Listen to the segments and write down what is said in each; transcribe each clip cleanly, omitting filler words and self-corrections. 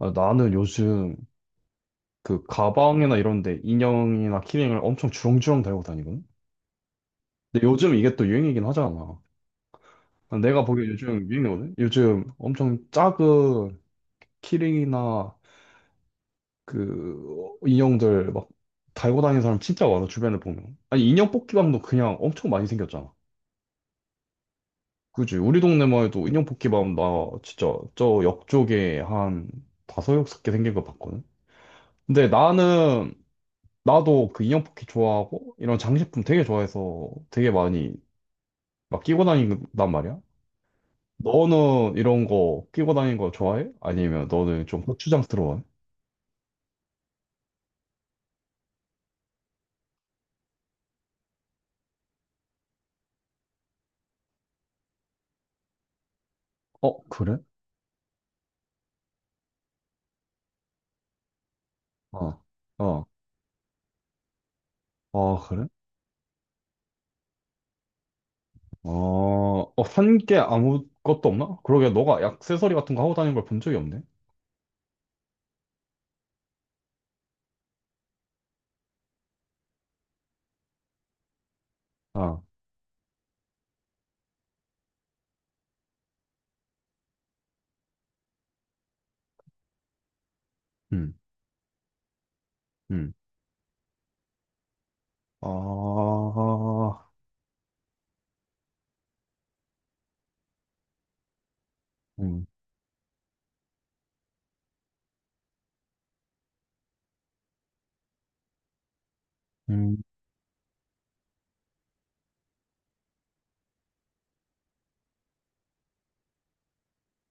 아, 나는 요즘 그 가방이나 이런 데 인형이나 키링을 엄청 주렁주렁 달고 다니거든? 근데 요즘 이게 또 유행이긴 하잖아. 내가 보기에 요즘 유행이거든? 요즘 엄청 작은 키링이나 그 인형들 막 달고 다니는 사람 진짜 많아, 주변에 보면. 아니, 인형 뽑기방도 그냥 엄청 많이 생겼잖아. 그지? 우리 동네만 해도 인형 뽑기방 나 진짜 저 역 쪽에 한 다섯, 여섯 개 생긴 거 봤거든? 근데 나는 나도 그 인형 포켓 좋아하고 이런 장식품 되게 좋아해서 되게 많이 막 끼고 다닌단 말이야. 너는 이런 거 끼고 다니는 거 좋아해? 아니면 너는 좀 고추장스러워해? 어, 그래? 어, 어, 어, 그래? 어, 어, 산 게 아무것도 없나? 그러게 너가 액세서리 같은 거 하고 다니는 걸 본 적이 없네. 아, 음, 음. 아, 음, 음,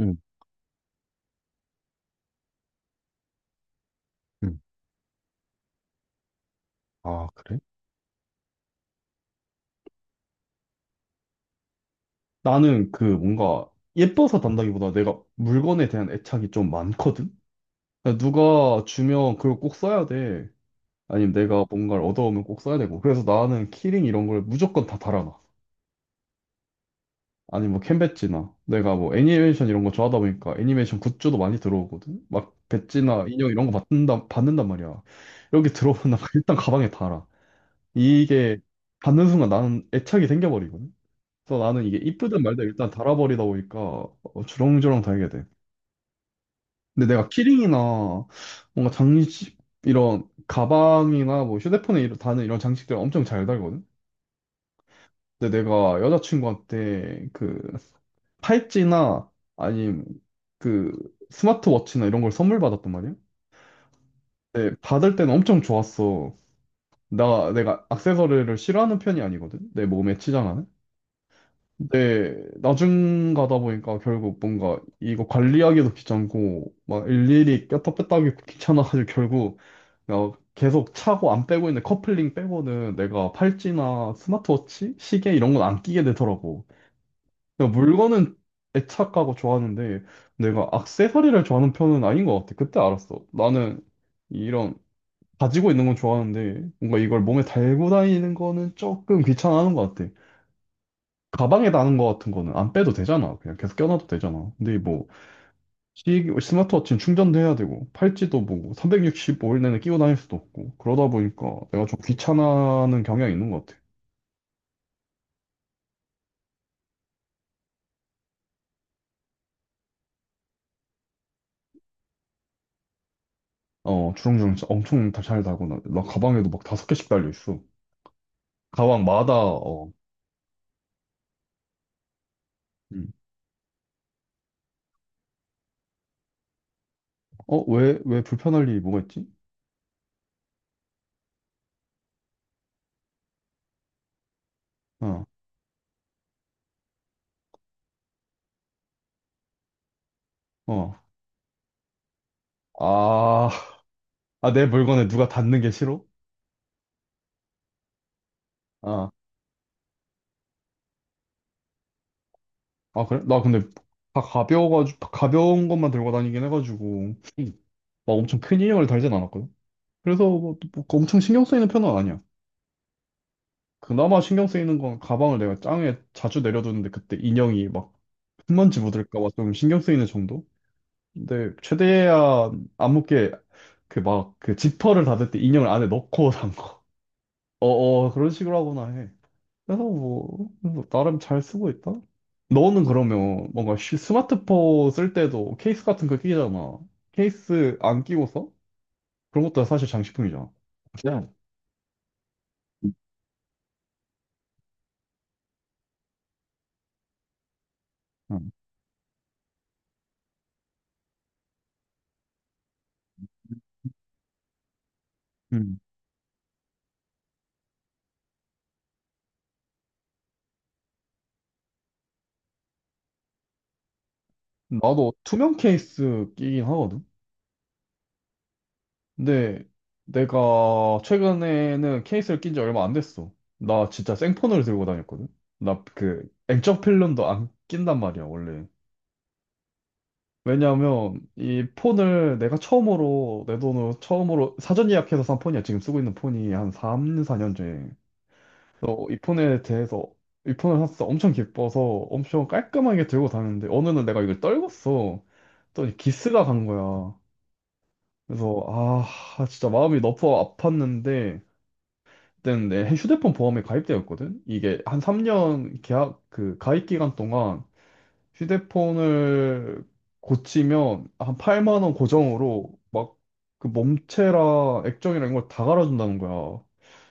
음, 음. 아, 그래? 나는 그 뭔가 예뻐서 단다기보다 내가 물건에 대한 애착이 좀 많거든? 그냥 누가 주면 그걸 꼭 써야 돼. 아니면 내가 뭔가를 얻어오면 꼭 써야 되고. 그래서 나는 키링 이런 걸 무조건 다 달아놔. 아니 뭐 캔배지나 내가 뭐 애니메이션 이런 거 좋아하다 보니까 애니메이션 굿즈도 많이 들어오거든. 막 배지나 인형 이런 거 받는다 받는단 말이야. 여기 들어오면 나 일단 가방에 달아. 이게 받는 순간 나는 애착이 생겨버리거든. 그래서 나는 이게 이쁘든 말든 일단 달아버리다 보니까 주렁주렁 달게 돼. 근데 내가 키링이나 뭔가 장식 이런 가방이나 뭐 휴대폰에 이런 다는 이런 장식들 엄청 잘 달거든. 근데 내가 여자친구한테 그 팔찌나 아니면 그 스마트워치나 이런 걸 선물 받았단 말이야. 근데 받을 때는 엄청 좋았어. 나 내가 액세서리를 싫어하는 편이 아니거든. 내 몸에 치장하는. 근데 나중 가다 보니까 결국 뭔가 이거 관리하기도 귀찮고 막 일일이 꼈다 뺐다 하기 귀찮아가지고 결국 계속 차고 안 빼고 있는 커플링 빼고는 내가 팔찌나 스마트워치, 시계 이런 건 안 끼게 되더라고. 그러니까 물건은 애착하고 좋아하는데 내가 액세서리를 좋아하는 편은 아닌 것 같아. 그때 알았어. 나는 이런 가지고 있는 건 좋아하는데 뭔가 이걸 몸에 달고 다니는 거는 조금 귀찮아하는 것 같아. 가방에다 하는 거 같은 거는 안 빼도 되잖아. 그냥 계속 껴놔도 되잖아. 근데 뭐, 스마트워치는 충전도 해야 되고, 팔찌도 뭐, 365일 내내 끼고 다닐 수도 없고, 그러다 보니까 내가 좀 귀찮아하는 경향이 있는 것 같아. 어, 주렁주렁 진짜 엄청 다 잘 달고, 나 가방에도 막 다섯 개씩 달려있어. 가방마다, 어, 음. 어, 왜 불편할 일이 뭐가 있지? 어, 어. 아, 아, 내 물건에 누가 닿는 게 싫어? 아, 아, 그래? 나 근데 다 가벼워가지고, 다 가벼운 것만 들고 다니긴 해가지고. 막 엄청 큰 인형을 달진 않았거든. 그래서 뭐 그 엄청 신경 쓰이는 편은 아니야. 그나마 신경 쓰이는 건 가방을 내가 짱에 자주 내려두는데 그때 인형이 막 흙먼지 묻을까 봐 좀 신경 쓰이는 정도? 근데 최대한 안 묻게 그 막 그 지퍼를 닫을 때 인형을 안에 넣고 산 거. 어어 그런 식으로 하거나 해. 그래서 뭐 나름 잘 쓰고 있다. 너는 그러면 뭔가 스마트폰 쓸 때도 케이스 같은 거 끼잖아. 케이스 안 끼고 서? 그런 것도 사실 장식품이잖아. 그냥. 음. 음. 나도 투명 케이스 끼긴 하거든. 근데 내가 최근에는 케이스를 낀 지 얼마 안 됐어. 나 진짜 생폰을 들고 다녔거든. 나 그 액정 필름도 안 낀단 말이야, 원래. 왜냐하면 이 폰을 내가 처음으로 내 돈으로 처음으로 사전 예약해서 산 폰이야. 지금 쓰고 있는 폰이 한 3, 4년째. 그래서 이 폰에 대해서 이 폰을 샀어. 엄청 기뻐서 엄청 깔끔하게 들고 다녔는데 어느 날 내가 이걸 떨궜어. 또 기스가 간 거야. 그래서 아 진짜 마음이 너무 아팠는데 그때는 내 휴대폰 보험에 가입되었거든. 이게 한 3년 계약 그 가입 기간 동안 휴대폰을 고치면 한 8만 원 고정으로 막 그 몸체랑 액정이랑 이걸 다 갈아준다는 거야.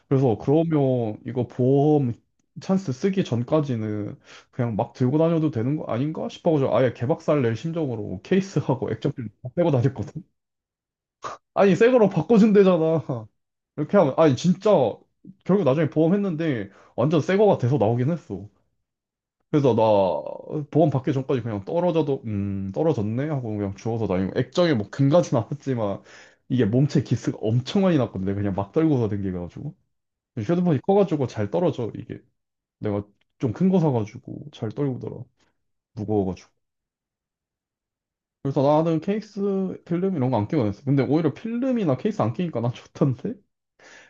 그래서 그러면 이거 보험 찬스 쓰기 전까지는 그냥 막 들고 다녀도 되는 거 아닌가 싶어가지고 아예 개박살 낼 심정으로 케이스하고 액정필 다 빼고 다녔거든. 아니 새 거로 바꿔준대잖아. 이렇게 하면 아니 진짜 결국 나중에 보험했는데 완전 새 거가 돼서 나오긴 했어. 그래서 나 보험 받기 전까지 그냥 떨어져도 떨어졌네 하고 그냥 주워서 다니고 액정에 뭐 금까지 나왔지만 이게 몸체 기스가 엄청 많이 났거든 내가 그냥 막 떨고서 댕겨가지고 휴대폰이 커가지고 잘 떨어져 이게 내가 좀 큰 거 사가지고 잘 떨구더라 무거워가지고 그래서 나는 케이스 필름 이런 거 안 끼고 다녔어 근데 오히려 필름이나 케이스 안 끼니까 난 좋던데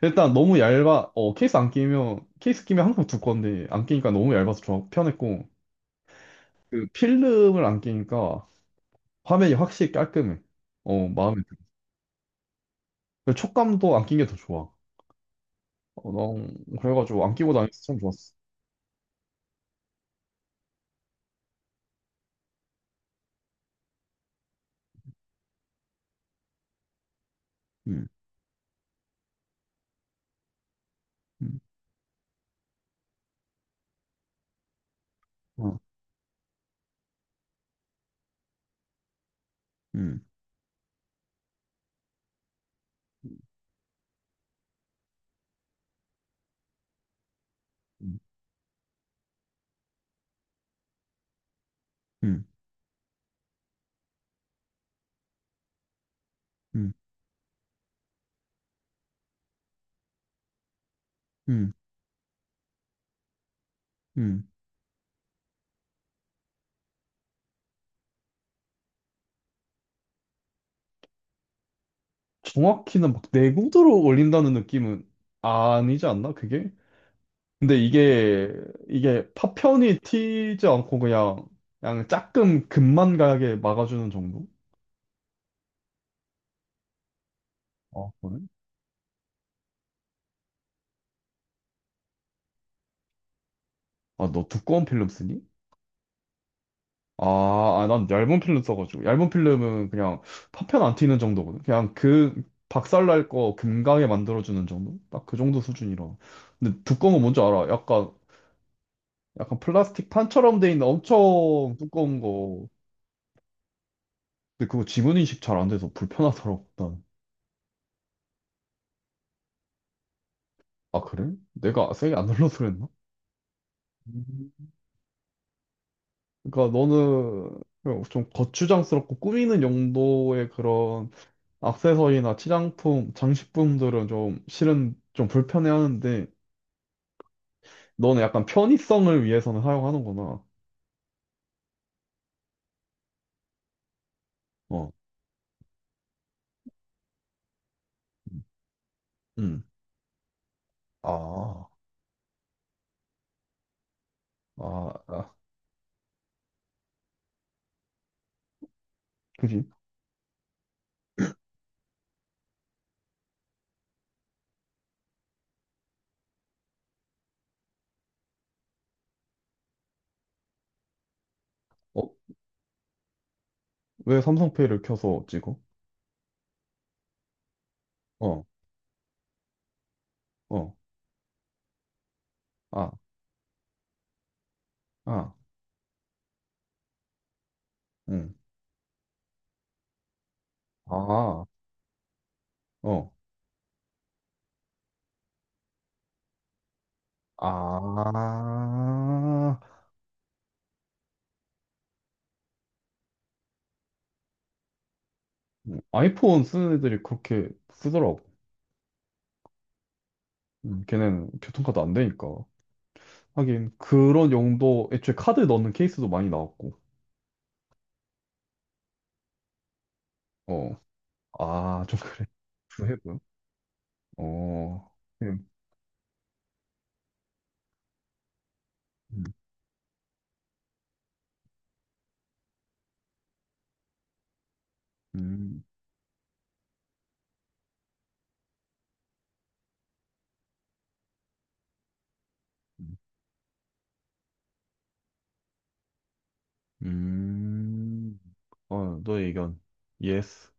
일단 너무 얇아, 어, 케이스 안 끼면, 케이스 끼면 항상 두꺼운데, 안 끼니까 너무 얇아서 좋아, 편했고, 그 필름을 안 끼니까 화면이 확실히 깔끔해. 어, 마음에 들어. 그 촉감도 안 낀 게 더 좋아. 어, 무 그래가지고 안 끼고 다니면서 참 좋았어. 음, 음, 어, 음, 음, 음, 음, 음. 음. 정확히는 막 내구도로 올린다는 느낌은 아니지 않나, 그게? 근데 이게 파편이 튀지 않고 그냥 그냥 조금 금만 가게 막아주는 정도? 아, 그래? 아, 너 두꺼운 필름 쓰니? 아, 아, 난 얇은 필름 써가지고 얇은 필름은 그냥 파편 안 튀는 정도거든. 그냥 그 박살날 거 금가게 만들어주는 정도? 딱 그 정도 수준이라. 근데 두꺼운 거 뭔지 알아? 약간 플라스틱 판처럼 돼 있는 엄청 두꺼운 거. 근데 그거 지문 인식 잘 안 돼서 불편하더라고. 난. 아, 그래? 내가 세게 안 눌러서 그랬나? 그러니까 너는 좀 거추장스럽고 꾸미는 용도의 그런 액세서리나 치장품, 장식품들은 좀 실은 좀 불편해하는데 너는 약간 편의성을 위해서는 사용하는구나. 어, 음. 아, 아, 아, 그지? 어, 왜 삼성페이를 켜서 찍어? 어, 어, 아, 아, 응, 아, 어, 아, 아이폰 쓰는 애들이 그렇게 쓰더라고. 걔는 교통카드 안 되니까. 하긴 그런 용도 애초에 카드 넣는 케이스도 많이 나왔고 어 아 좀 그래 구해보요 어 그냥 음음음어너 의 의견 예스